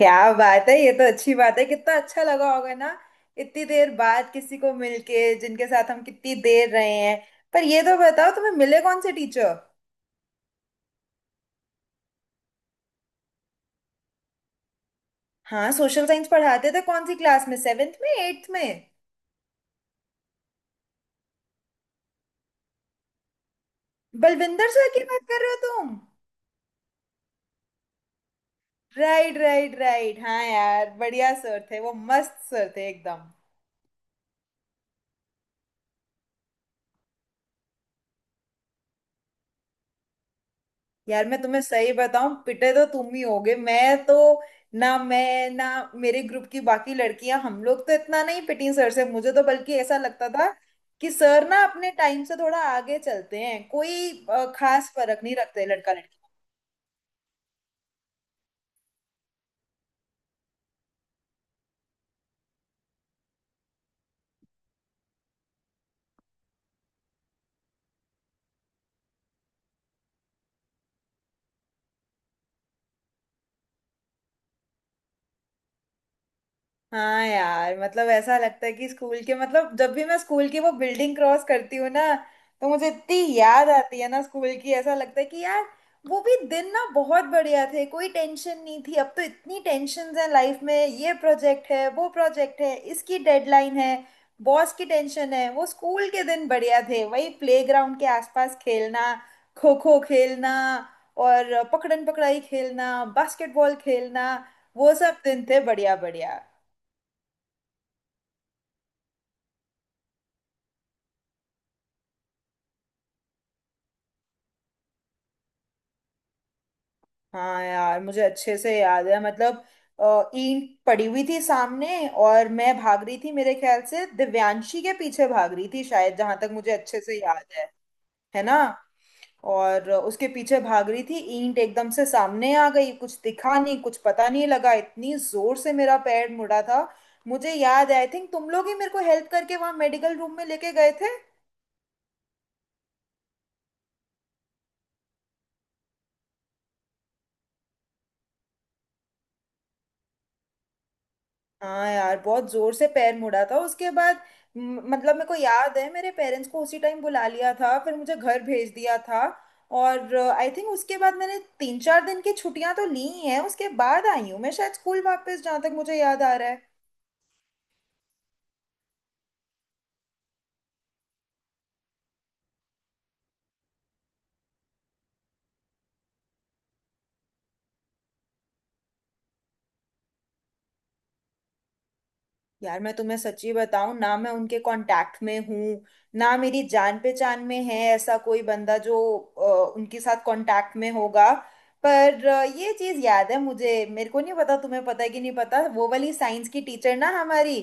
क्या बात है। ये तो अच्छी बात है। कितना अच्छा लगा होगा ना, इतनी देर बाद किसी को मिलके जिनके साथ हम कितनी देर रहे हैं। पर ये तो बताओ, तुम्हें मिले कौन से टीचर। हाँ, सोशल साइंस पढ़ाते थे कौन सी क्लास में, सेवेंथ में, एट्थ में। बलविंदर सर की बात कर रहे हो तुम। राइट राइट राइट, हाँ यार, बढ़िया सर थे वो, मस्त सर थे एकदम। यार मैं तुम्हें सही बताऊं, पिटे तो तुम ही होगे, मैं तो ना, मैं ना, मेरे ग्रुप की बाकी लड़कियां, हम लोग तो इतना नहीं पिटी सर से। मुझे तो बल्कि ऐसा लगता था कि सर ना अपने टाइम से थोड़ा आगे चलते हैं, कोई खास फर्क नहीं रखते लड़का लड़की। हाँ यार, मतलब ऐसा लगता है कि स्कूल के, मतलब जब भी मैं स्कूल की वो बिल्डिंग क्रॉस करती हूँ ना, तो मुझे इतनी याद आती है ना स्कूल की। ऐसा लगता है कि यार, वो भी दिन ना बहुत बढ़िया थे, कोई टेंशन नहीं थी। अब तो इतनी टेंशन है लाइफ में, ये प्रोजेक्ट है, वो प्रोजेक्ट है, इसकी डेडलाइन है, बॉस की टेंशन है। वो स्कूल के दिन बढ़िया थे, वही प्लेग्राउंड के आसपास खेलना, खो खो खेलना, और पकड़न पकड़ाई खेलना, बास्केटबॉल खेलना। वो सब दिन थे बढ़िया बढ़िया। हाँ यार, मुझे अच्छे से याद है मतलब, ईंट पड़ी हुई थी सामने और मैं भाग रही थी। मेरे ख्याल से दिव्यांशी के पीछे भाग रही थी शायद, जहां तक मुझे अच्छे से याद है ना। और उसके पीछे भाग रही थी, ईंट एकदम से सामने आ गई, कुछ दिखा नहीं, कुछ पता नहीं लगा, इतनी जोर से मेरा पैर मुड़ा था। मुझे याद है, आई थिंक तुम लोग ही मेरे को हेल्प करके वहां मेडिकल रूम में लेके गए थे। हाँ यार, बहुत जोर से पैर मुड़ा था। उसके बाद मतलब, मेरे को याद है मेरे पेरेंट्स को उसी टाइम बुला लिया था, फिर मुझे घर भेज दिया था। और आई थिंक उसके बाद मैंने 3-4 दिन की छुट्टियां तो ली ही हैं, उसके बाद आई हूँ मैं शायद स्कूल वापस, जहाँ तक मुझे याद आ रहा है। यार मैं तुम्हें सच्ची बताऊं ना, मैं उनके कांटेक्ट में हूँ ना, मेरी जान पहचान में है ऐसा कोई बंदा जो उनके साथ कांटेक्ट में होगा। पर ये चीज याद है मुझे, मेरे को नहीं पता तुम्हें पता है कि नहीं पता, वो वाली साइंस की टीचर ना हमारी,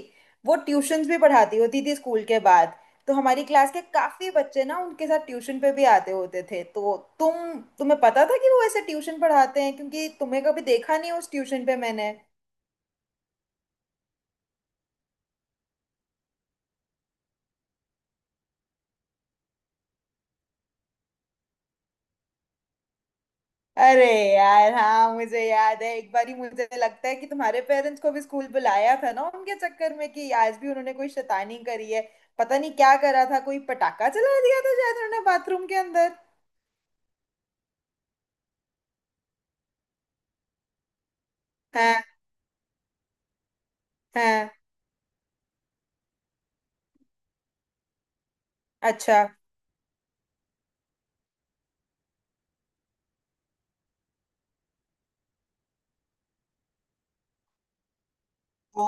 वो ट्यूशंस भी पढ़ाती होती थी स्कूल के बाद। तो हमारी क्लास के काफी बच्चे ना उनके साथ ट्यूशन पे भी आते होते थे, तो तुम्हें पता था कि वो ऐसे ट्यूशन पढ़ाते हैं, क्योंकि तुम्हें कभी देखा नहीं उस ट्यूशन पे मैंने। अरे यार, हाँ, मुझे याद है एक बारी, मुझे लगता है कि तुम्हारे पेरेंट्स को भी स्कूल बुलाया था ना उनके चक्कर में कि आज भी उन्होंने कोई शैतानी करी है। पता नहीं क्या करा था, कोई पटाखा जला दिया था शायद उन्होंने बाथरूम के अंदर। हाँ। हाँ। अच्छा। ओ।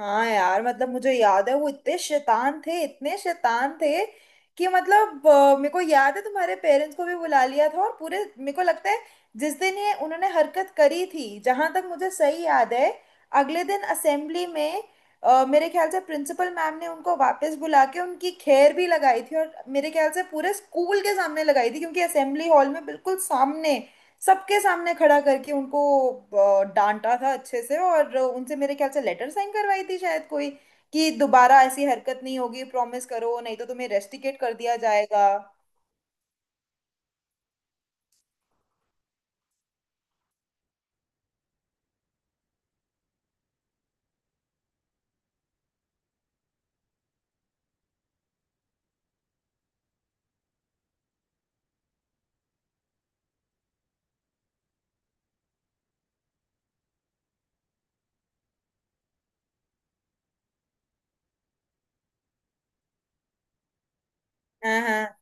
हाँ यार, मतलब मुझे याद है वो इतने शैतान थे, इतने शैतान थे कि मतलब। मेरे को याद है तुम्हारे पेरेंट्स को भी बुला लिया था, और पूरे, मेरे को लगता है जिस दिन ये उन्होंने हरकत करी थी, जहां तक मुझे सही याद है अगले दिन असेंबली में, मेरे ख्याल से प्रिंसिपल मैम ने उनको वापस बुला के उनकी खैर भी लगाई थी। और मेरे ख्याल से पूरे स्कूल के सामने लगाई थी, क्योंकि असेंबली हॉल में बिल्कुल सामने, सबके सामने खड़ा करके उनको डांटा था अच्छे से, और उनसे मेरे ख्याल से लेटर साइन करवाई थी शायद कोई, कि दोबारा ऐसी हरकत नहीं होगी, प्रॉमिस करो, नहीं तो तुम्हें रेस्टिकेट कर दिया जाएगा। हाँ, हाँ।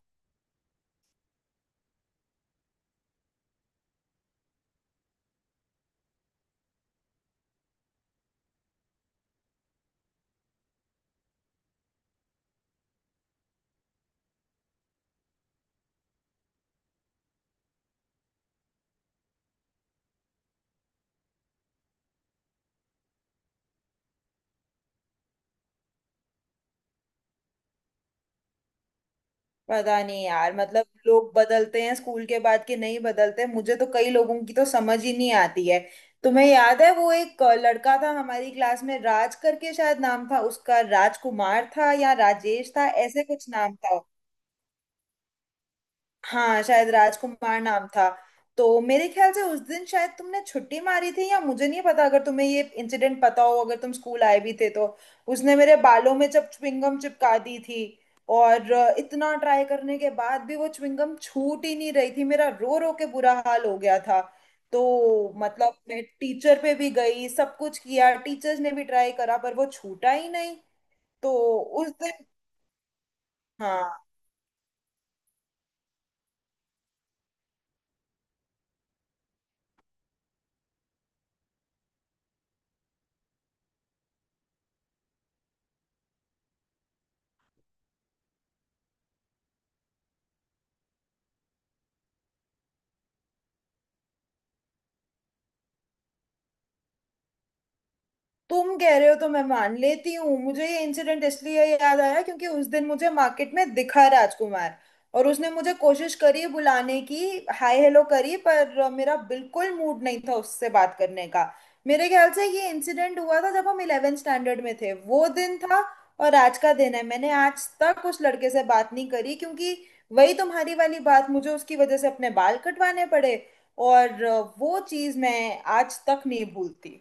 पता नहीं यार, मतलब लोग बदलते हैं स्कूल के बाद के, नहीं बदलते मुझे तो कई लोगों की, तो समझ ही नहीं आती है। तुम्हें याद है वो एक लड़का था हमारी क्लास में, राज करके शायद नाम था उसका, राजकुमार था या राजेश था ऐसे कुछ नाम था। हाँ, शायद राजकुमार नाम था। तो मेरे ख्याल से उस दिन शायद तुमने छुट्टी मारी थी, या मुझे नहीं पता अगर तुम्हें ये इंसिडेंट पता हो, अगर तुम स्कूल आए भी थे तो। उसने मेरे बालों में जब च्युइंगम चिपका दी थी, और इतना ट्राई करने के बाद भी वो च्युइंगम छूट ही नहीं रही थी, मेरा रो रो के बुरा हाल हो गया था। तो मतलब मैं टीचर पे भी गई, सब कुछ किया, टीचर्स ने भी ट्राई करा, पर वो छूटा ही नहीं। तो उस दिन। हाँ, तुम कह रहे हो तो मैं मान लेती हूँ। मुझे ये इंसिडेंट इसलिए याद आया क्योंकि उस दिन मुझे मार्केट में दिखा राजकुमार, और उसने मुझे कोशिश करी बुलाने की, हाय हेलो करी, पर मेरा बिल्कुल मूड नहीं था उससे बात करने का। मेरे ख्याल से ये इंसिडेंट हुआ था जब हम 11th स्टैंडर्ड में थे, वो दिन था। और आज का दिन है, मैंने आज तक उस लड़के से बात नहीं करी, क्योंकि वही तुम्हारी वाली बात, मुझे उसकी वजह से अपने बाल कटवाने पड़े, और वो चीज़ मैं आज तक नहीं भूलती।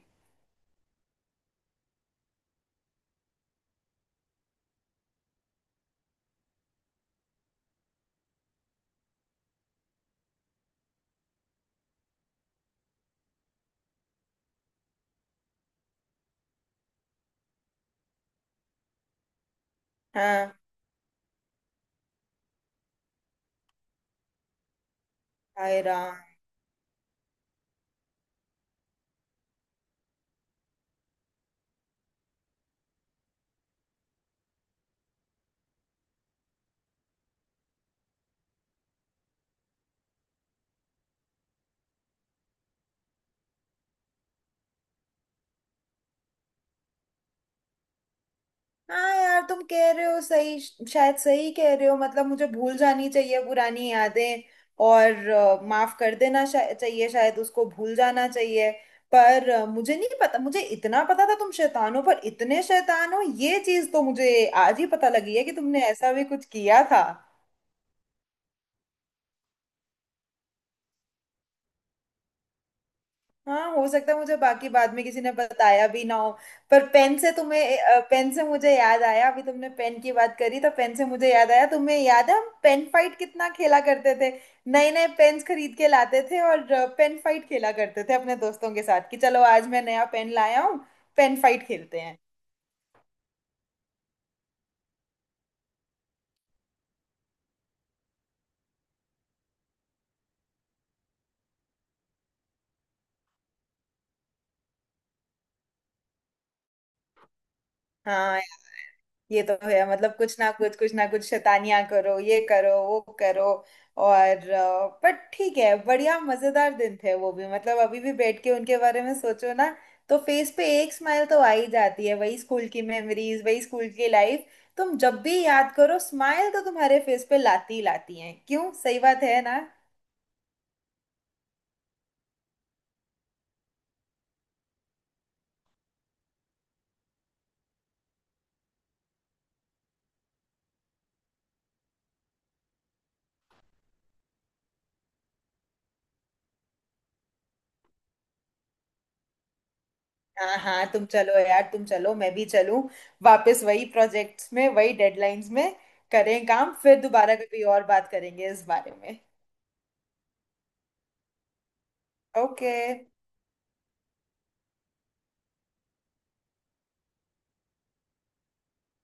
हाँ। हाय राम। हाँ यार, तुम कह रहे हो सही, शायद सही कह रहे हो, मतलब मुझे भूल जानी चाहिए पुरानी यादें, और माफ कर देना चाहिए, शायद उसको भूल जाना चाहिए। पर मुझे नहीं पता, मुझे इतना पता था तुम शैतान हो, पर इतने शैतान हो ये चीज तो मुझे आज ही पता लगी है कि तुमने ऐसा भी कुछ किया था। हाँ, हो सकता है मुझे बाकी बाद में किसी ने बताया भी ना हो। पर पेन से तुम्हें, पेन से मुझे याद आया, अभी तुमने पेन की बात करी तो पेन से मुझे याद आया, तुम्हें याद है हम पेन फाइट कितना खेला करते थे। नए नए पेन्स खरीद के लाते थे, और पेन फाइट खेला करते थे अपने दोस्तों के साथ कि चलो आज मैं नया पेन लाया हूँ, पेन फाइट खेलते हैं। हाँ, ये तो है, मतलब कुछ ना कुछ शैतानियां करो, ये करो वो करो। और पर ठीक है, बढ़िया मजेदार दिन थे वो भी, मतलब अभी भी बैठ के उनके बारे में सोचो ना, तो फेस पे एक स्माइल तो आ ही जाती है। वही स्कूल की मेमोरीज, वही स्कूल की लाइफ, तुम जब भी याद करो स्माइल तो तुम्हारे फेस पे लाती ही लाती है। क्यों, सही बात है ना। हाँ हाँ, तुम चलो यार, तुम चलो, मैं भी चलूं वापस वही प्रोजेक्ट्स में, वही डेडलाइंस में, करें काम। फिर दोबारा कभी और बात करेंगे इस बारे में। ओके।